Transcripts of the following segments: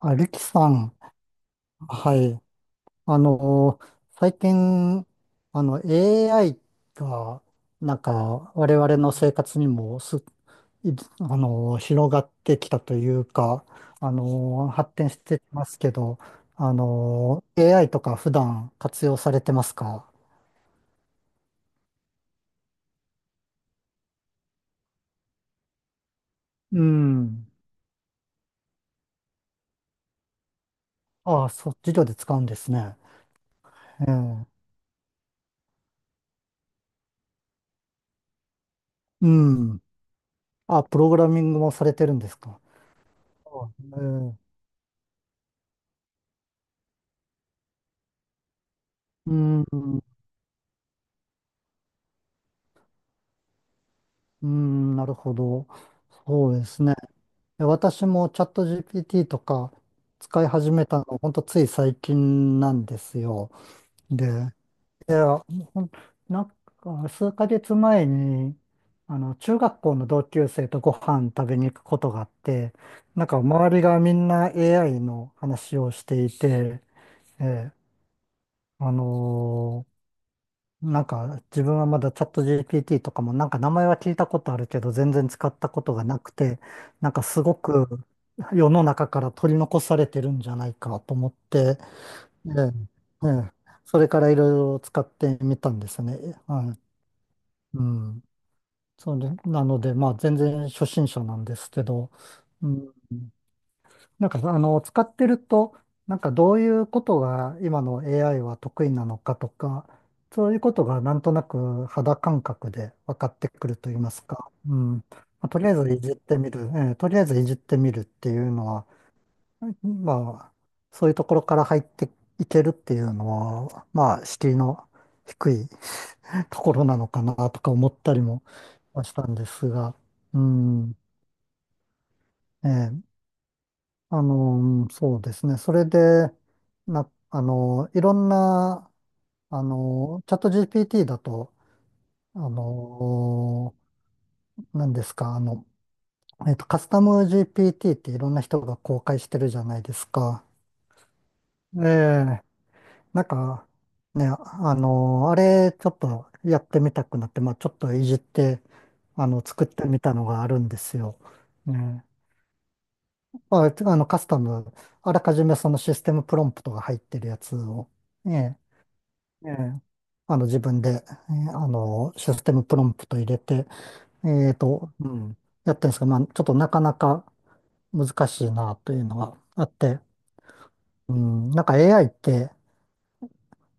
あ、リキさん、はい。あの最近、AI が、我々の生活にもい広がってきたというか、あの発展してきますけど、あの AI とか普段活用されてますか？うん。ああ、そう、授業で使うんですね。ええ、うん。あ、プログラミングもされてるんですか？あ、ええ、うん。うーん、なるほど。そうですね。私もチャット GPT とか使い始めたの、ほんとつい最近なんですよ。で、いや、ほん、なんか数ヶ月前に、あの、中学校の同級生とご飯食べに行くことがあって、なんか周りがみんな AI の話をしていて、ええ、あのーなんか自分はまだチャット GPT とかもなんか名前は聞いたことあるけど全然使ったことがなくて、なんかすごく世の中から取り残されてるんじゃないかと思って、ええ、ええ、それからいろいろ使ってみたんですね。はい、うん、そうで、なのでまあ全然初心者なんですけど、うん、なんか、あの、使ってると、なんかどういうことが今の AI は得意なのかとか、そういうことがなんとなく肌感覚で分かってくると言いますか。うん。とりあえずいじってみる、えーとりあえずいじってみるっていうのは、まあ、そういうところから入っていけるっていうのは、まあ、敷居の低い ところなのかなとか思ったりもしたんですが、うん。ええあの、そうですね。それで、あの、いろんな、あの、チャット GPT だと、あの、何ですか、あの、えっと、カスタム GPT っていろんな人が公開してるじゃないですか。ええ、なんか、ね、あの、あれ、ちょっとやってみたくなって、まあ、ちょっといじって、あの、作ってみたのがあるんですよ。ね、まあ、あの、カスタム、あらかじめそのシステムプロンプトが入ってるやつを、ねええあの、自分で、あの、システムプロンプト入れて、うん、やってるんですが、まあ、ちょっとなかなか難しいなというのがあって、うん、なんか AI って、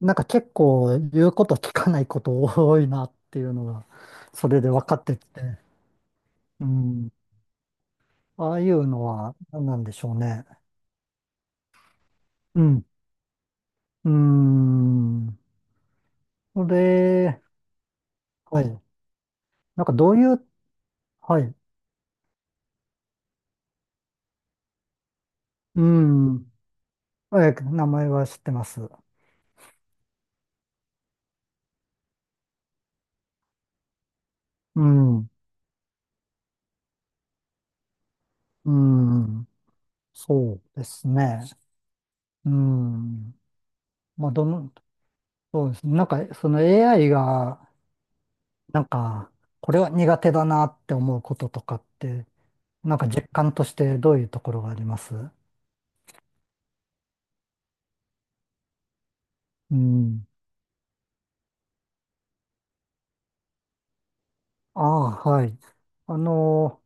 なんか結構言うこと聞かないこと多いなっていうのが、それで分かってきて、うん、ああいうのは何なんでしょうね。うん、うん、それ、はい、なんかどういう、はい、うん、えー名前は知ってます。うん。うん、そうですね。うん。まあ、どの、そうですね。なんか、その AI が、なんか、これは苦手だなって思うこととかって、なんか実感としてどういうところがあります？うん。ああ、はい。あの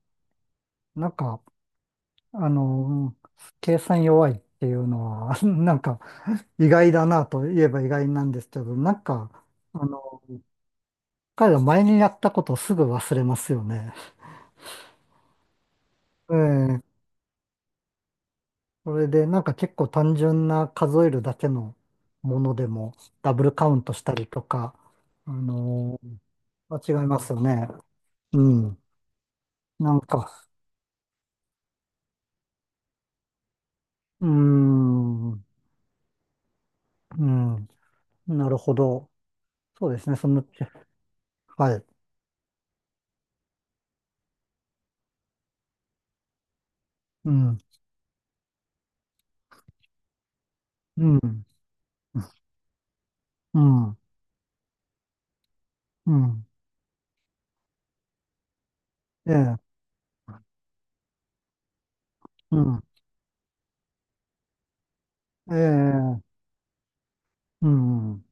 ー、なんか、あのー、計算弱いっていうのは、なんか、意外だなと言えば意外なんですけど、なんか、あの、彼ら前にやったことをすぐ忘れますよね。ええそれでなんか結構単純な数えるだけのものでもダブルカウントしたりとか、あのー間違いますよね。うん。なんか、うーん、ん、なるほど。そうですね、はい。うん、うん、うん、うん、ええ、うん、ええ、うん、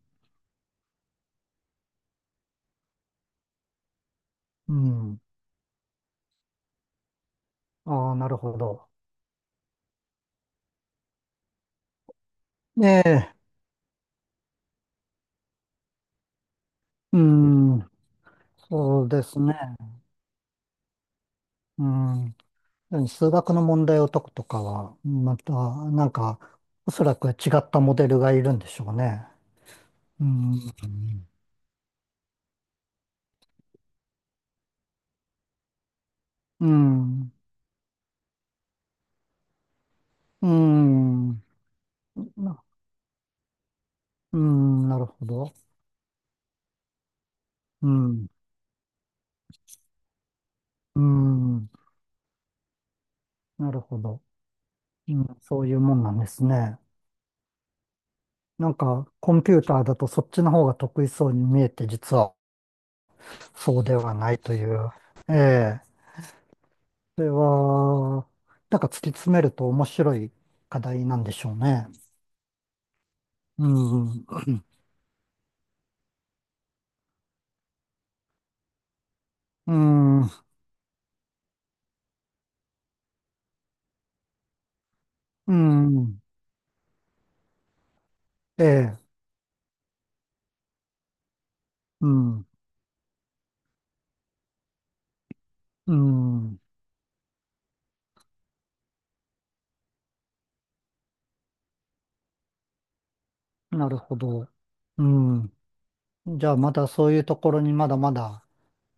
うん。ああ、なるほど。ええ、うん、そうですね。うん、何、数学の問題を解くとかは、また、なんか、おそらく違ったモデルがいるんでしょうね。うん。うん。うん。な、うん、なるほど。うん。うん。なるほど。うん、そういうもんなんですね。なんか、コンピューターだとそっちの方が得意そうに見えて、実はそうではないという。ええ。それは、なんか突き詰めると面白い課題なんでしょうね。うん。うん、うん、ええ、うん、うん、なるほど。うん。じゃあ、まだそういうところにまだまだ、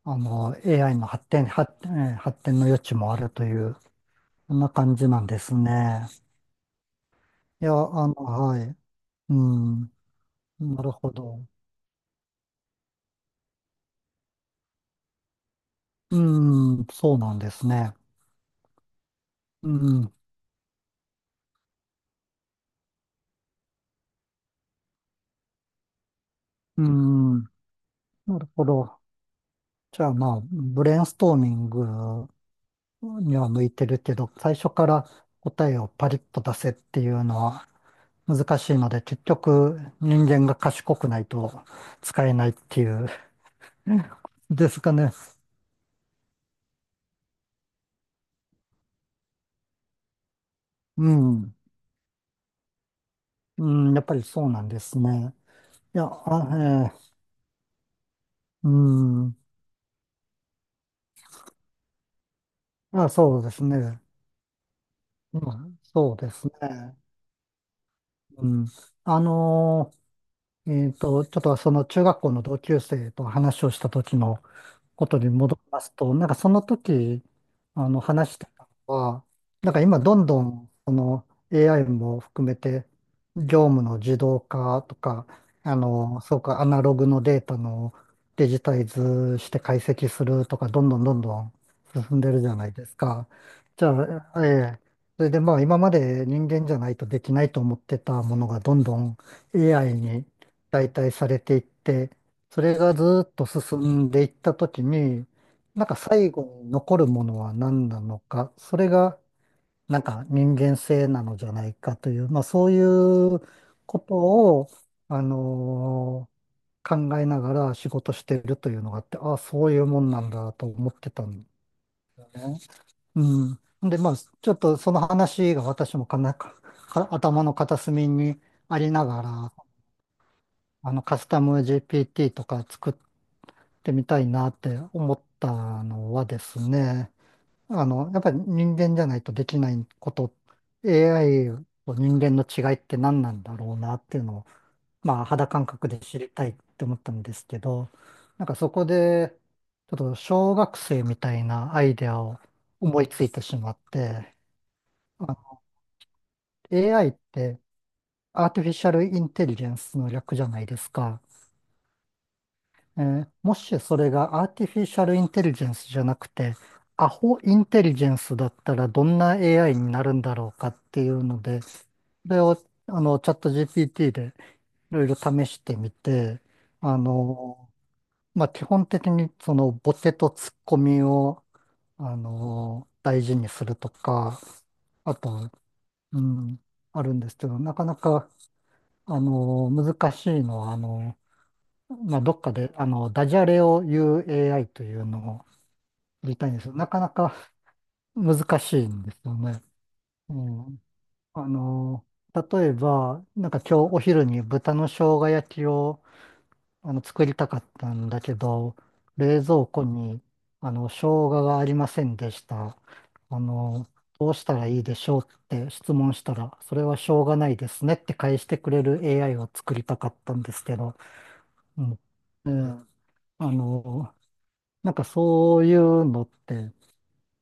あの、AI の発展の余地もあるという、そんな感じなんですね。いや、あの、はい。うん、なるほど。うん、そうなんですね。うん、うん、なるほど。じゃあ、まあ、ブレインストーミングには向いてるけど、最初から答えをパリッと出せっていうのは難しいので、結局人間が賢くないと使えないっていう、ですかね。うん。うん、やっぱりそうなんですね。いや、あ、えー、うん。あ、そうですね。うん、そうですね。うん。あのーえっと、ちょっとその中学校の同級生と話をした時のことに戻りますと、なんかその時、あの、話してたのは、なんか今どんどん、その AI も含めて、業務の自動化とか、あの、そうか、アナログのデータのデジタイズして解析するとか、どんどんどんどん進んでるじゃないですか。じゃあ、ええ、それでまあ今まで人間じゃないとできないと思ってたものがどんどん AI に代替されていって、それがずーっと進んでいったときに、なんか最後に残るものは何なのか、それがなんか人間性なのじゃないかという、まあそういうことを、あのー考えながら仕事してるというのがあって、ああ、そういうもんなんだと思ってたんだね。うん。で、まあちょっとその話が私もかなか、か頭の片隅にありながら、あのカスタム GPT とか作っってみたいなって思ったのはですね、あの、やっぱり人間じゃないとできないこと、AI と人間の違いって何なんだろうなっていうのを、まあ肌感覚で知りたいって思ったんですけど、なんかそこで、ちょっと小学生みたいなアイデアを思いついてしまって、あ AI ってアーティフィシャルインテリジェンスの略じゃないですか。えー、もしそれがアーティフィシャルインテリジェンスじゃなくて、アホインテリジェンスだったらどんな AI になるんだろうかっていうので、それをあのチャット GPT でいろいろ試してみて、あの、まあ、基本的にそのボケとツッコミを、あの、大事にするとか、あと、うん、あるんですけど、なかなか、あの、難しいのは、あの、まあ、どっかで、あの、ダジャレを言う AI というのを言いたいんですよ。なかなか難しいんですよね。うん。あの、例えば、なんか今日お昼に豚の生姜焼きをあの作りたかったんだけど、冷蔵庫に、あの、生姜がありませんでした。あの、どうしたらいいでしょうって質問したら、それはしょうがないですねって返してくれる AI を作りたかったんですけど、うん。ええあの、なんかそういうのって、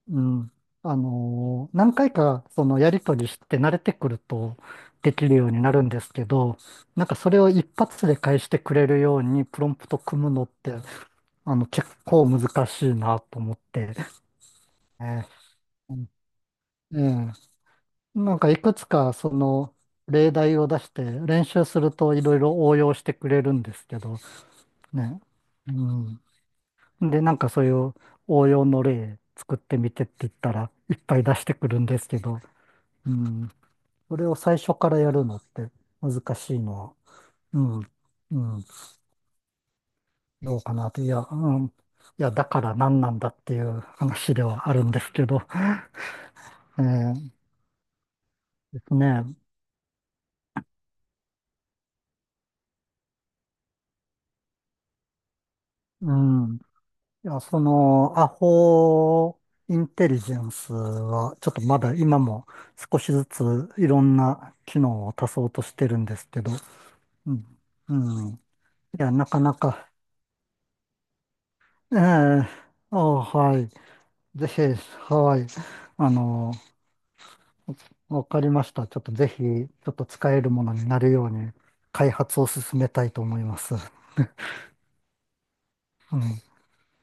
うん、何回かそのやりとりして慣れてくるとできるようになるんですけど、なんかそれを一発で返してくれるようにプロンプト組むのって、あの結構難しいなと思ってね、ええ、うんなんかいくつかその例題を出して練習するといろいろ応用してくれるんですけど、ね、うんで、なんかそういう応用の例作ってみてって言ったらいっぱい出してくるんですけど、うん、それを最初からやるのって難しいのは、うん、うん、どうかなって、いや、だから何なんだっていう話ではあるんですけど、えーですね、うん、いや、その、アホインテリジェンスは、ちょっとまだ今も少しずついろんな機能を足そうとしてるんですけど、うん、うんいや、なかなか、あ、はい。ぜひ、はい。あの、わかりました。ちょっとぜひ、ちょっと使えるものになるように、開発を進めたいと思います。うん。